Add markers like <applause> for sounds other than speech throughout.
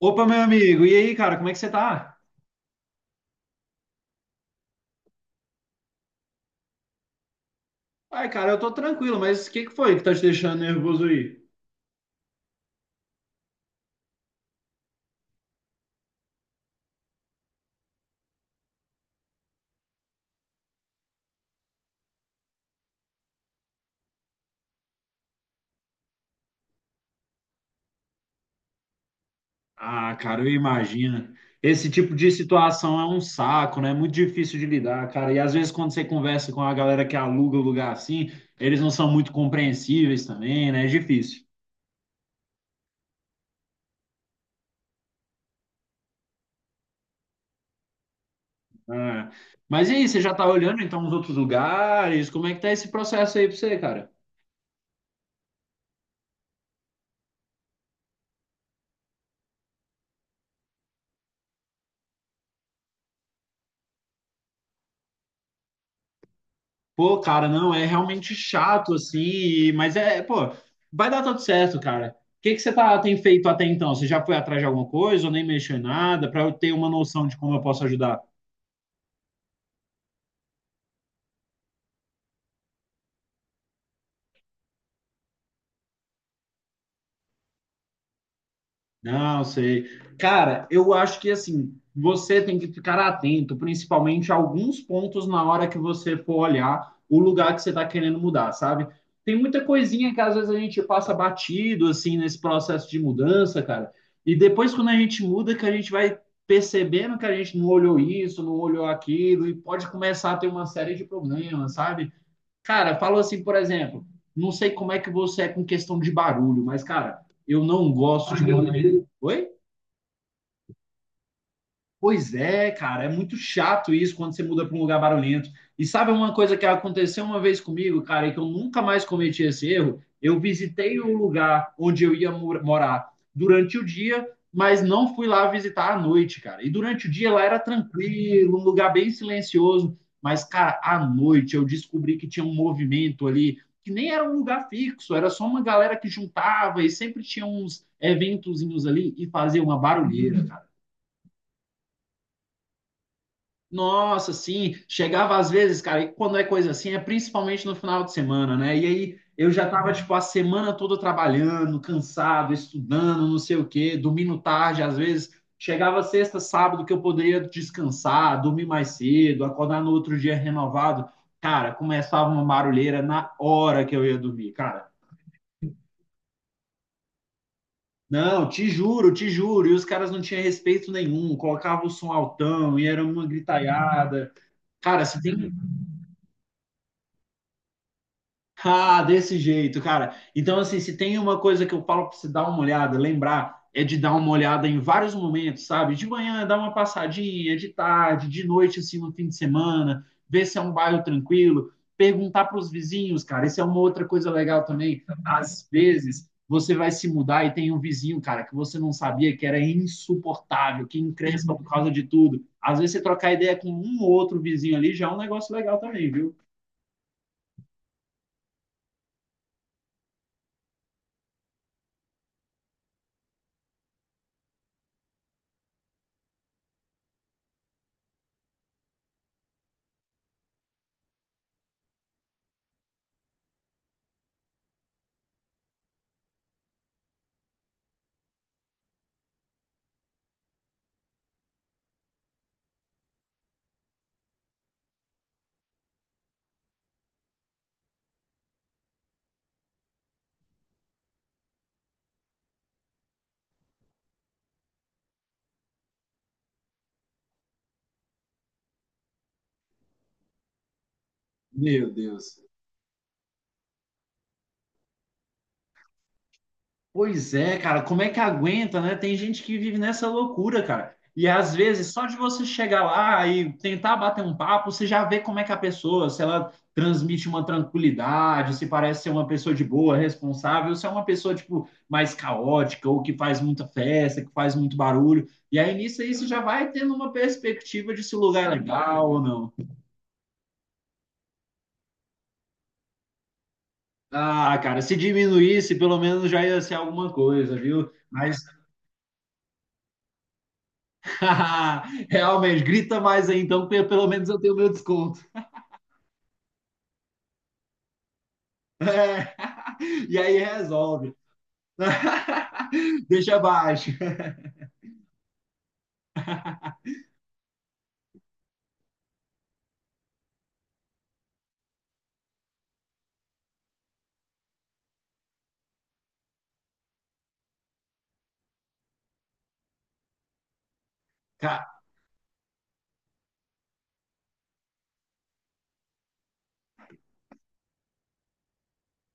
Opa, meu amigo, e aí, cara, como é que você tá? Ai, cara, eu tô tranquilo, mas o que que foi que tá te deixando nervoso aí? Ah, cara, eu imagino. Esse tipo de situação é um saco, né? É muito difícil de lidar, cara. E às vezes, quando você conversa com a galera que aluga o lugar assim, eles não são muito compreensíveis também, né? É difícil. Ah. Mas e aí, você já tá olhando então os outros lugares? Como é que tá esse processo aí pra você, cara? Pô, cara, não, é realmente chato, assim, mas é, pô, vai dar tudo certo, cara. O que que você tá, tem feito até então? Você já foi atrás de alguma coisa ou nem mexeu em nada, para eu ter uma noção de como eu posso ajudar? Não, sei. Cara, eu acho que assim, você tem que ficar atento, principalmente a alguns pontos na hora que você for olhar o lugar que você está querendo mudar, sabe? Tem muita coisinha que às vezes a gente passa batido assim nesse processo de mudança, cara. E depois quando a gente muda, que a gente vai percebendo que a gente não olhou isso, não olhou aquilo, e pode começar a ter uma série de problemas, sabe? Cara, falou assim, por exemplo, não sei como é que você é com questão de barulho, mas, cara, eu não gosto de morar. Oi? Pois é, cara, é muito chato isso quando você muda para um lugar barulhento. E sabe uma coisa que aconteceu uma vez comigo, cara, e que eu nunca mais cometi esse erro? Eu visitei o lugar onde eu ia morar durante o dia, mas não fui lá visitar à noite, cara. E durante o dia lá era tranquilo, um lugar bem silencioso, mas, cara, à noite eu descobri que tinha um movimento ali, que nem era um lugar fixo, era só uma galera que juntava e sempre tinha uns eventozinhos ali e fazia uma barulheira, cara. Nossa, sim, chegava às vezes, cara, e quando é coisa assim, é principalmente no final de semana, né? E aí eu já tava, tipo, a semana toda trabalhando, cansado, estudando, não sei o quê, dormindo tarde, às vezes. Chegava sexta, sábado, que eu poderia descansar, dormir mais cedo, acordar no outro dia renovado. Cara, começava uma barulheira na hora que eu ia dormir, cara. Não, te juro, te juro. E os caras não tinham respeito nenhum, colocavam o som altão e era uma gritaiada. Cara, se tem. Ah, desse jeito, cara. Então, assim, se tem uma coisa que eu falo pra você dar uma olhada, lembrar, é de dar uma olhada em vários momentos, sabe? De manhã, dar uma passadinha, de tarde, de noite, assim, no fim de semana, ver se é um bairro tranquilo, perguntar pros vizinhos, cara. Isso é uma outra coisa legal também. Às vezes, você vai se mudar e tem um vizinho, cara, que você não sabia que era insuportável, que encrespa por causa de tudo. Às vezes, você trocar ideia com um ou outro vizinho ali já é um negócio legal também, viu? Meu Deus. Pois é, cara, como é que aguenta, né? Tem gente que vive nessa loucura, cara. E às vezes, só de você chegar lá e tentar bater um papo, você já vê como é que a pessoa, se ela transmite uma tranquilidade, se parece ser uma pessoa de boa, responsável, se é uma pessoa, tipo, mais caótica ou que faz muita festa, que faz muito barulho. E aí nisso aí você já vai tendo uma perspectiva de se o lugar é legal ou não. Ah, cara, se diminuísse, pelo menos já ia ser alguma coisa, viu? Mas <laughs> realmente, grita mais aí então, que pelo menos eu tenho meu desconto. É. <laughs> E aí resolve. <laughs> Deixa baixo. Cara.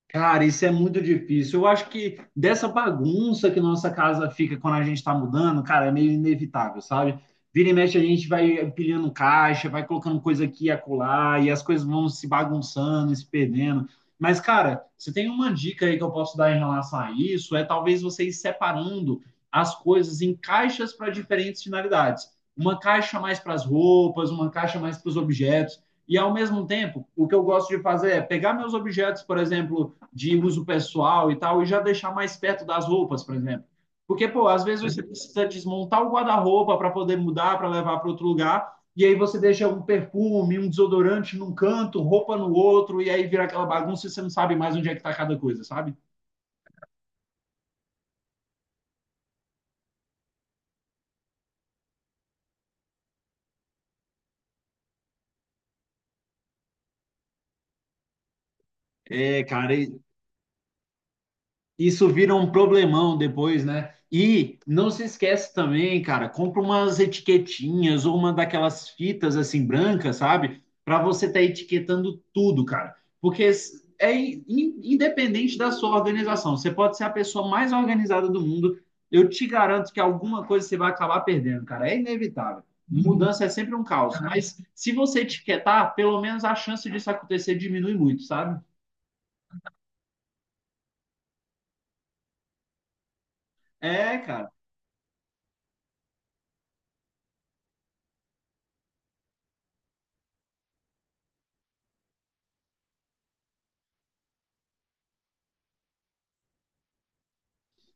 Cara, isso é muito difícil. Eu acho que dessa bagunça que nossa casa fica quando a gente está mudando, cara, é meio inevitável, sabe? Vira e mexe, a gente vai empilhando caixa, vai colocando coisa aqui e acolá, e as coisas vão se bagunçando, e se perdendo. Mas, cara, você tem uma dica aí que eu posso dar em relação a isso? É talvez você ir separando as coisas em caixas para diferentes finalidades. Uma caixa mais para as roupas, uma caixa mais para os objetos. E, ao mesmo tempo, o que eu gosto de fazer é pegar meus objetos, por exemplo, de uso pessoal e tal, e já deixar mais perto das roupas, por exemplo. Porque, pô, às vezes você precisa desmontar o guarda-roupa para poder mudar, para levar para outro lugar, e aí você deixa um perfume, um desodorante num canto, roupa no outro, e aí vira aquela bagunça e você não sabe mais onde é que tá cada coisa, sabe? É, cara, isso vira um problemão depois, né? E não se esquece também, cara, compra umas etiquetinhas ou uma daquelas fitas assim brancas, sabe? Para você estar etiquetando tudo, cara. Porque é independente da sua organização, você pode ser a pessoa mais organizada do mundo, eu te garanto que alguma coisa você vai acabar perdendo, cara. É inevitável. Mudança é sempre um caos, mas se você etiquetar, pelo menos a chance disso acontecer diminui muito, sabe? É, cara.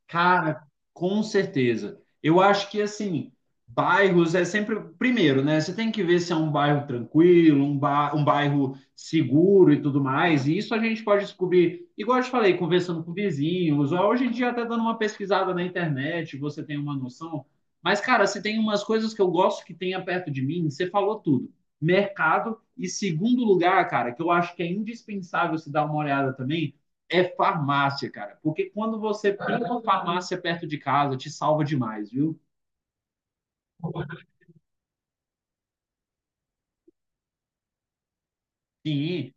Cara, com certeza. Eu acho que assim, bairros é sempre primeiro, né? Você tem que ver se é um bairro tranquilo, um bairro seguro e tudo mais. E isso a gente pode descobrir, igual eu te falei, conversando com vizinhos, ou hoje em dia até dando uma pesquisada na internet, você tem uma noção. Mas, cara, se tem umas coisas que eu gosto que tenha perto de mim, você falou tudo. Mercado e segundo lugar, cara, que eu acho que é indispensável se dar uma olhada também é farmácia, cara. Porque quando você pega uma farmácia perto de casa, te salva demais, viu? Sim.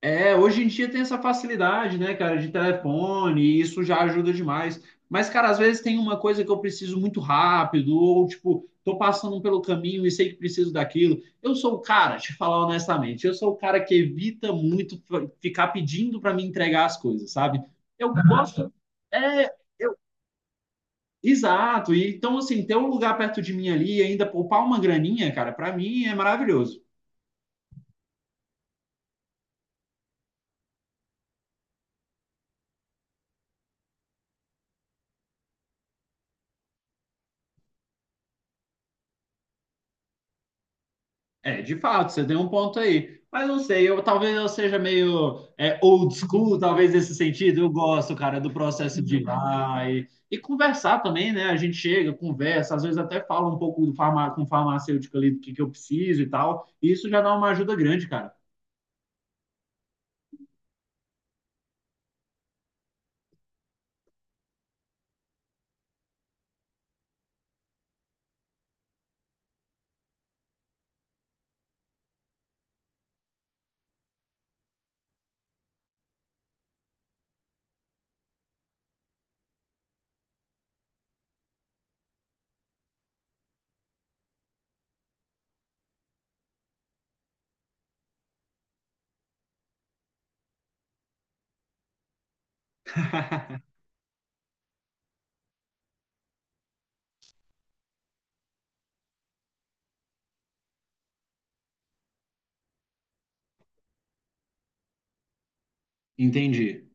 É, hoje em dia tem essa facilidade, né, cara, de telefone, e isso já ajuda demais. Mas, cara, às vezes tem uma coisa que eu preciso muito rápido, ou tipo, tô passando pelo caminho e sei que preciso daquilo. Eu sou o cara, te falar honestamente, eu sou o cara que evita muito ficar pedindo para me entregar as coisas, sabe? Eu gosto, é, eu, exato. E, então, assim, ter um lugar perto de mim ali e ainda poupar uma graninha, cara, pra mim é maravilhoso. É, de fato, você tem um ponto aí. Mas não sei, eu talvez eu seja meio old school, talvez nesse sentido. Eu gosto, cara, do processo de ir lá e conversar também, né? A gente chega, conversa, às vezes até fala um pouco do farma, com o farmacêutico ali do que eu preciso e tal. E isso já dá uma ajuda grande, cara. <laughs> Entendi.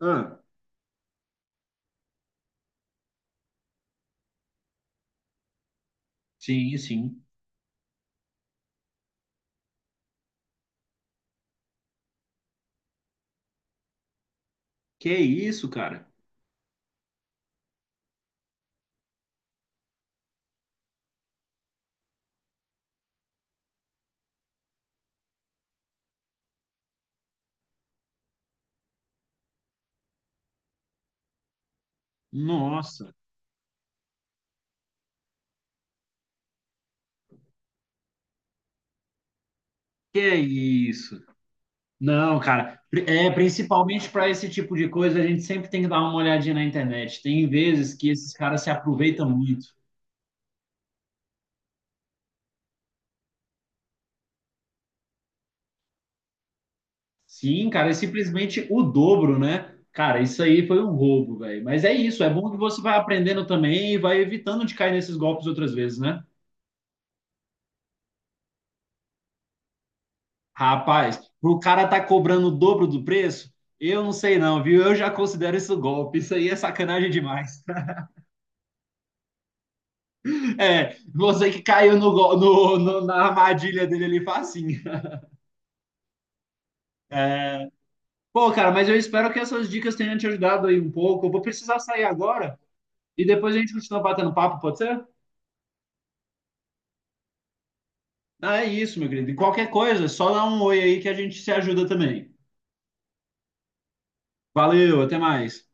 Ah, sim, sim. Que isso, cara? Nossa, que isso? Não, cara, é principalmente para esse tipo de coisa, a gente sempre tem que dar uma olhadinha na internet. Tem vezes que esses caras se aproveitam muito. Sim, cara, é simplesmente o dobro, né? Cara, isso aí foi um roubo, velho. Mas é isso, é bom que você vai aprendendo também e vai evitando de cair nesses golpes outras vezes, né? Rapaz, pro cara tá cobrando o dobro do preço, eu não sei não, viu? Eu já considero isso golpe. Isso aí é sacanagem demais. <laughs> É, você que caiu no, na armadilha dele ali facinho. Pô, cara, mas eu espero que essas dicas tenham te ajudado aí um pouco. Eu vou precisar sair agora e depois a gente continua batendo papo, pode ser? Ah, é isso, meu querido. E qualquer coisa, só dá um oi aí que a gente se ajuda também. Valeu, até mais.